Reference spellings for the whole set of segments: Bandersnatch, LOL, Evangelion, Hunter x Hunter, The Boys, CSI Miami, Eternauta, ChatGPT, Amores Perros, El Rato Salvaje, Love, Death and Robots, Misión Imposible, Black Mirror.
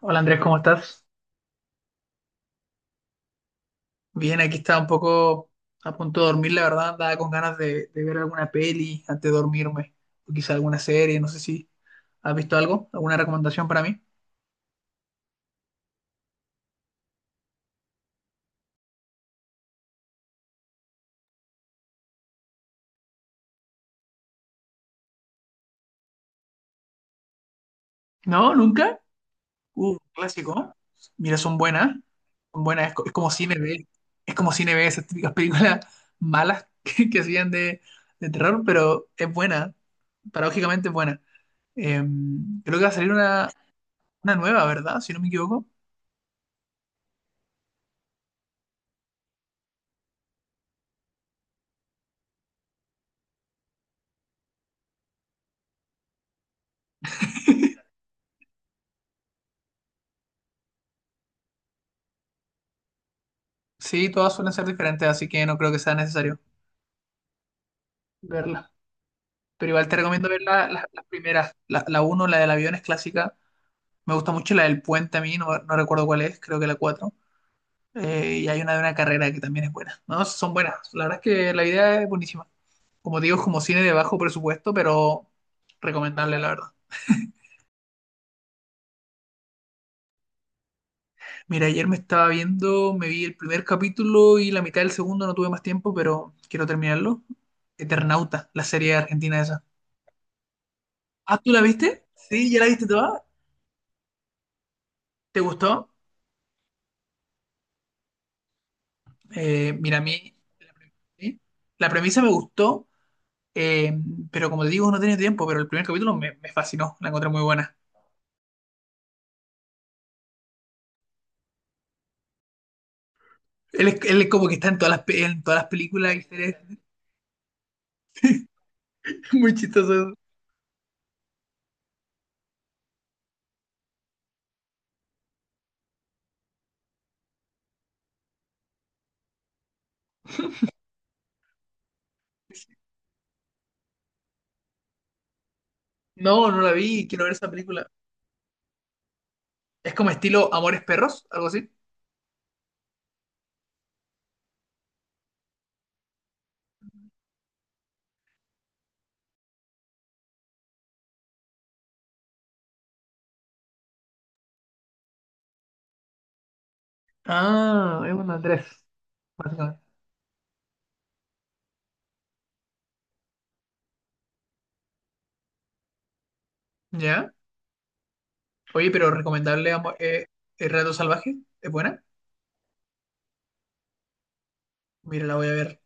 Hola Andrés, ¿cómo estás? Bien, aquí estaba un poco a punto de dormir, la verdad, andaba con ganas de ver alguna peli antes de dormirme, o quizá alguna serie, no sé si has visto algo, alguna recomendación para mí. No, nunca. Clásico, ¿no? Mira, son buenas, es como cine B, esas típicas películas malas que hacían de terror, pero es buena, paradójicamente es buena. Creo que va a salir una nueva, ¿verdad? Si no me equivoco. Sí, todas suelen ser diferentes, así que no creo que sea necesario verlas. Pero igual te recomiendo ver las primeras. La 1, la del avión es clásica. Me gusta mucho la del puente a mí, no, no recuerdo cuál es, creo que la 4. Y hay una de una carrera que también es buena. No, son buenas. La verdad es que la idea es buenísima. Como te digo, es como cine de bajo presupuesto, pero recomendable, la verdad. Mira, ayer me estaba viendo, me vi el primer capítulo y la mitad del segundo, no tuve más tiempo, pero quiero terminarlo. Eternauta, la serie argentina esa. Ah, ¿tú la viste? Sí, ¿ya la viste toda? ¿Te gustó? Mira, a mí la, pre- ¿sí? La premisa me gustó, eh, pero como te digo, no tenía tiempo, pero el primer capítulo me fascinó, la encontré muy buena. Él es como que está en todas las, pe- en todas las películas y series. Muy chistoso. Eso. No, no la vi, quiero ver esa película. Es como estilo Amores Perros, algo así. Ah, es un Andrés, básicamente. ¿Ya? Oye, pero recomendable El Rato Salvaje, ¿es buena? Mira, la voy a ver.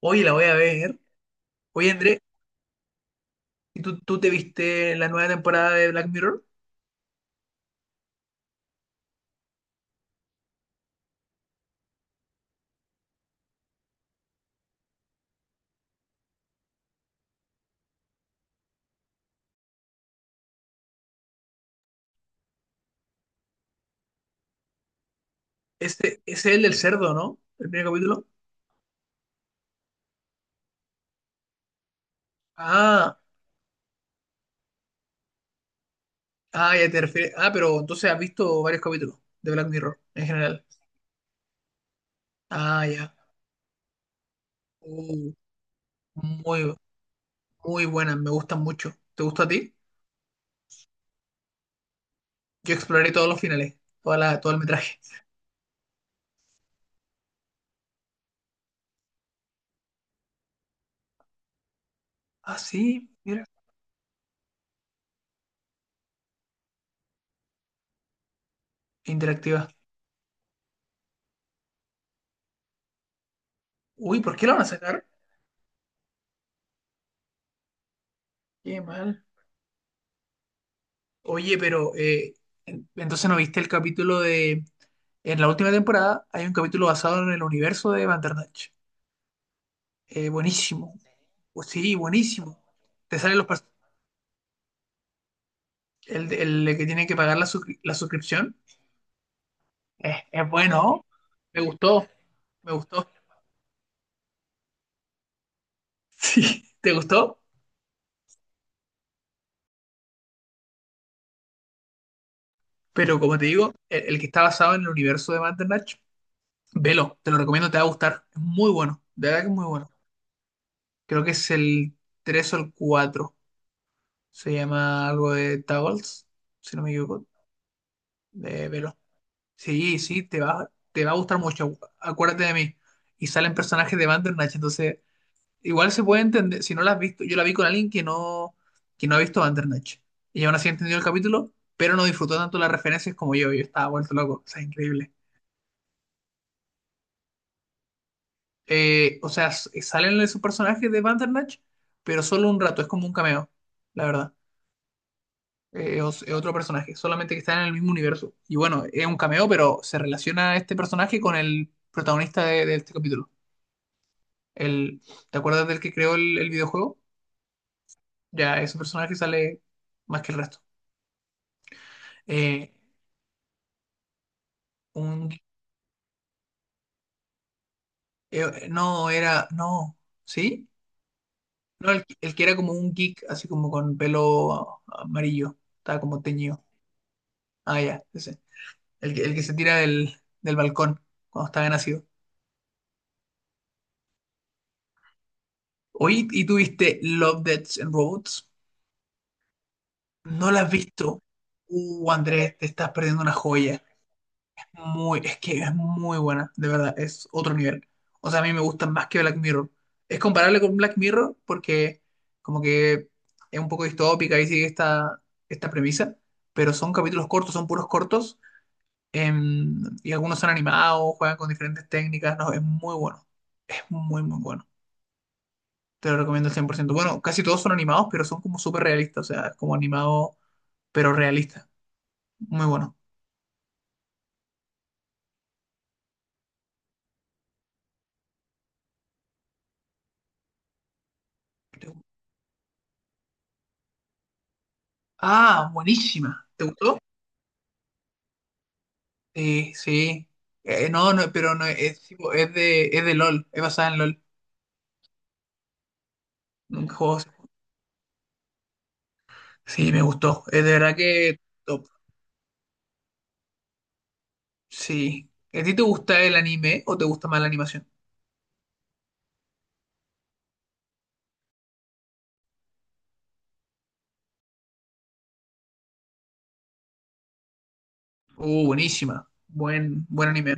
Oye, la voy a ver. Oye, Andrés, ¿y tú te viste la nueva temporada de Black Mirror? Ese es el del cerdo, ¿no? El primer capítulo. Ah, ah, ya te refieres. Ah, pero entonces has visto varios capítulos de Black Mirror en general. Ah, ya. Uh, Muy, muy buenas, me gustan mucho. ¿Te gusta a ti? Yo exploré todos los finales, todo el metraje. Ah, sí, mira. Interactiva. Uy, ¿por qué la van a sacar? Qué mal. Oye, pero entonces no viste el capítulo de. En la última temporada hay un capítulo basado en el universo de Bandersnatch. Buenísimo. Pues sí, buenísimo. Te sale los pers- el, el que tiene que pagar la suscripción. Es bueno. Me gustó, me gustó. Sí, te gustó. Pero como te digo, el que está basado en el universo de Bandersnatch, velo, te lo recomiendo, te va a gustar. Es muy bueno, de verdad que es muy bueno. Creo que es el 3 o el 4. Se llama algo de Tables, si no me equivoco. De velo. Sí, sí, te va a gustar mucho, acuérdate de mí. Y salen personajes de Bandersnatch, entonces igual se puede entender, si no la has visto, yo la vi con alguien que no, ha visto Bandersnatch. Y aún así entendió el capítulo, pero no disfrutó tanto las referencias como yo estaba vuelto loco, o sea, increíble. O sea, salen esos personajes de Bandersnatch, pero solo un rato, es como un cameo, la verdad. Es otro personaje, solamente que está en el mismo universo. Y bueno, es un cameo, pero se relaciona este personaje con el protagonista de este capítulo. El, ¿Te acuerdas del que creó el videojuego? Ya ese personaje sale más que el resto. Eh, un, no, era, no, ¿sí? No, el que era como un geek, así como con pelo amarillo, estaba como teñido. Ah, ya, ese. El que se tira del balcón cuando estaba nacido. Oye, ¿y tuviste Love, Death and Robots? ¿No la has visto? Andrés, te estás perdiendo una joya. Es que es muy buena, de verdad, es otro nivel. O sea, a mí me gusta más que Black Mirror. Es comparable con Black Mirror porque como que es un poco distópica y sigue esta premisa, pero son capítulos cortos, son puros cortos, y algunos son animados, juegan con diferentes técnicas, no, es muy bueno, es muy, muy bueno. Te lo recomiendo al 100%. Bueno, casi todos son animados, pero son como súper realistas, o sea, es como animado, pero realista. Muy bueno. ¿Te gu- Ah, buenísima. ¿Te gustó? Sí, sí. No, no, pero no es, sí, es de LOL, es basada en LOL. Un juego- Sí, me gustó. Es de verdad que top. Sí. ¿A ti te gusta el anime o te gusta más la animación? Buenísima. Buen anime.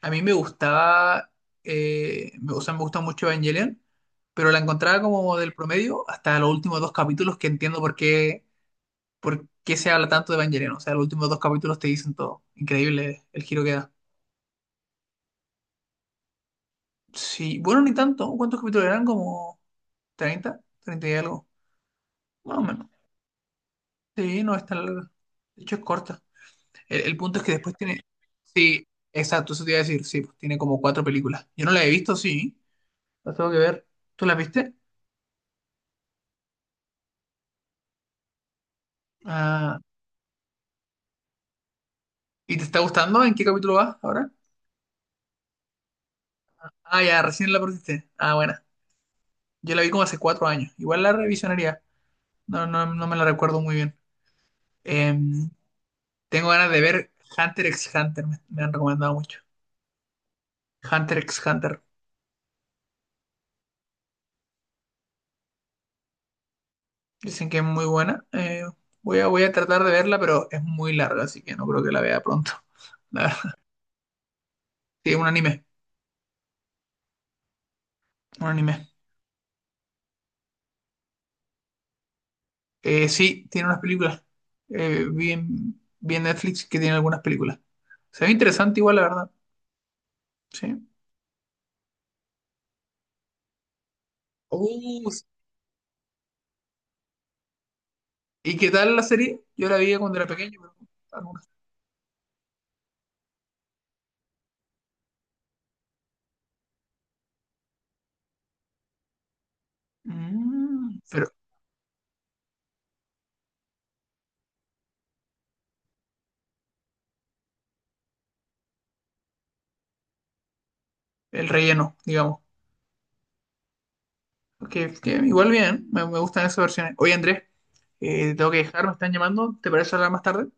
A mí me gustaba, o sea, me gusta mucho Evangelion, pero la encontraba como del promedio hasta los últimos dos capítulos que entiendo por qué, se habla tanto de Evangelion. O sea, los últimos dos capítulos te dicen todo. Increíble el giro que da. Sí, bueno, ni tanto. ¿Cuántos capítulos eran? ¿Como 30, 30 y algo? Más o menos. Sí, no es tan larga. De hecho, es corta. El punto es que después tiene. Sí, exacto, eso te iba a decir. Sí, pues tiene como cuatro películas. Yo no la he visto, sí. La tengo que ver. ¿Tú la viste? Ah, ¿y te está gustando? ¿En qué capítulo vas ahora? Ah, ya, recién la pusiste. Ah, buena. Yo la vi como hace 4 años. Igual la revisionaría. No, no, no me la recuerdo muy bien. Em, Tengo ganas de ver Hunter x Hunter. Me han recomendado mucho. Hunter x Hunter. Dicen que es muy buena. Voy a tratar de verla, pero es muy larga, así que no creo que la vea pronto. La verdad. Sí, un anime, un anime. Sí, tiene unas películas. Vi en Netflix que tiene algunas películas. Se ve interesante igual, la verdad. Sí. Uh, ¿Y qué tal la serie? Yo la vi cuando era pequeño, pero algunas. Pero el relleno, digamos. Que igual bien, me gustan esas versiones. Oye, Andrés, tengo que dejar, me están llamando. ¿Te parece hablar más tarde?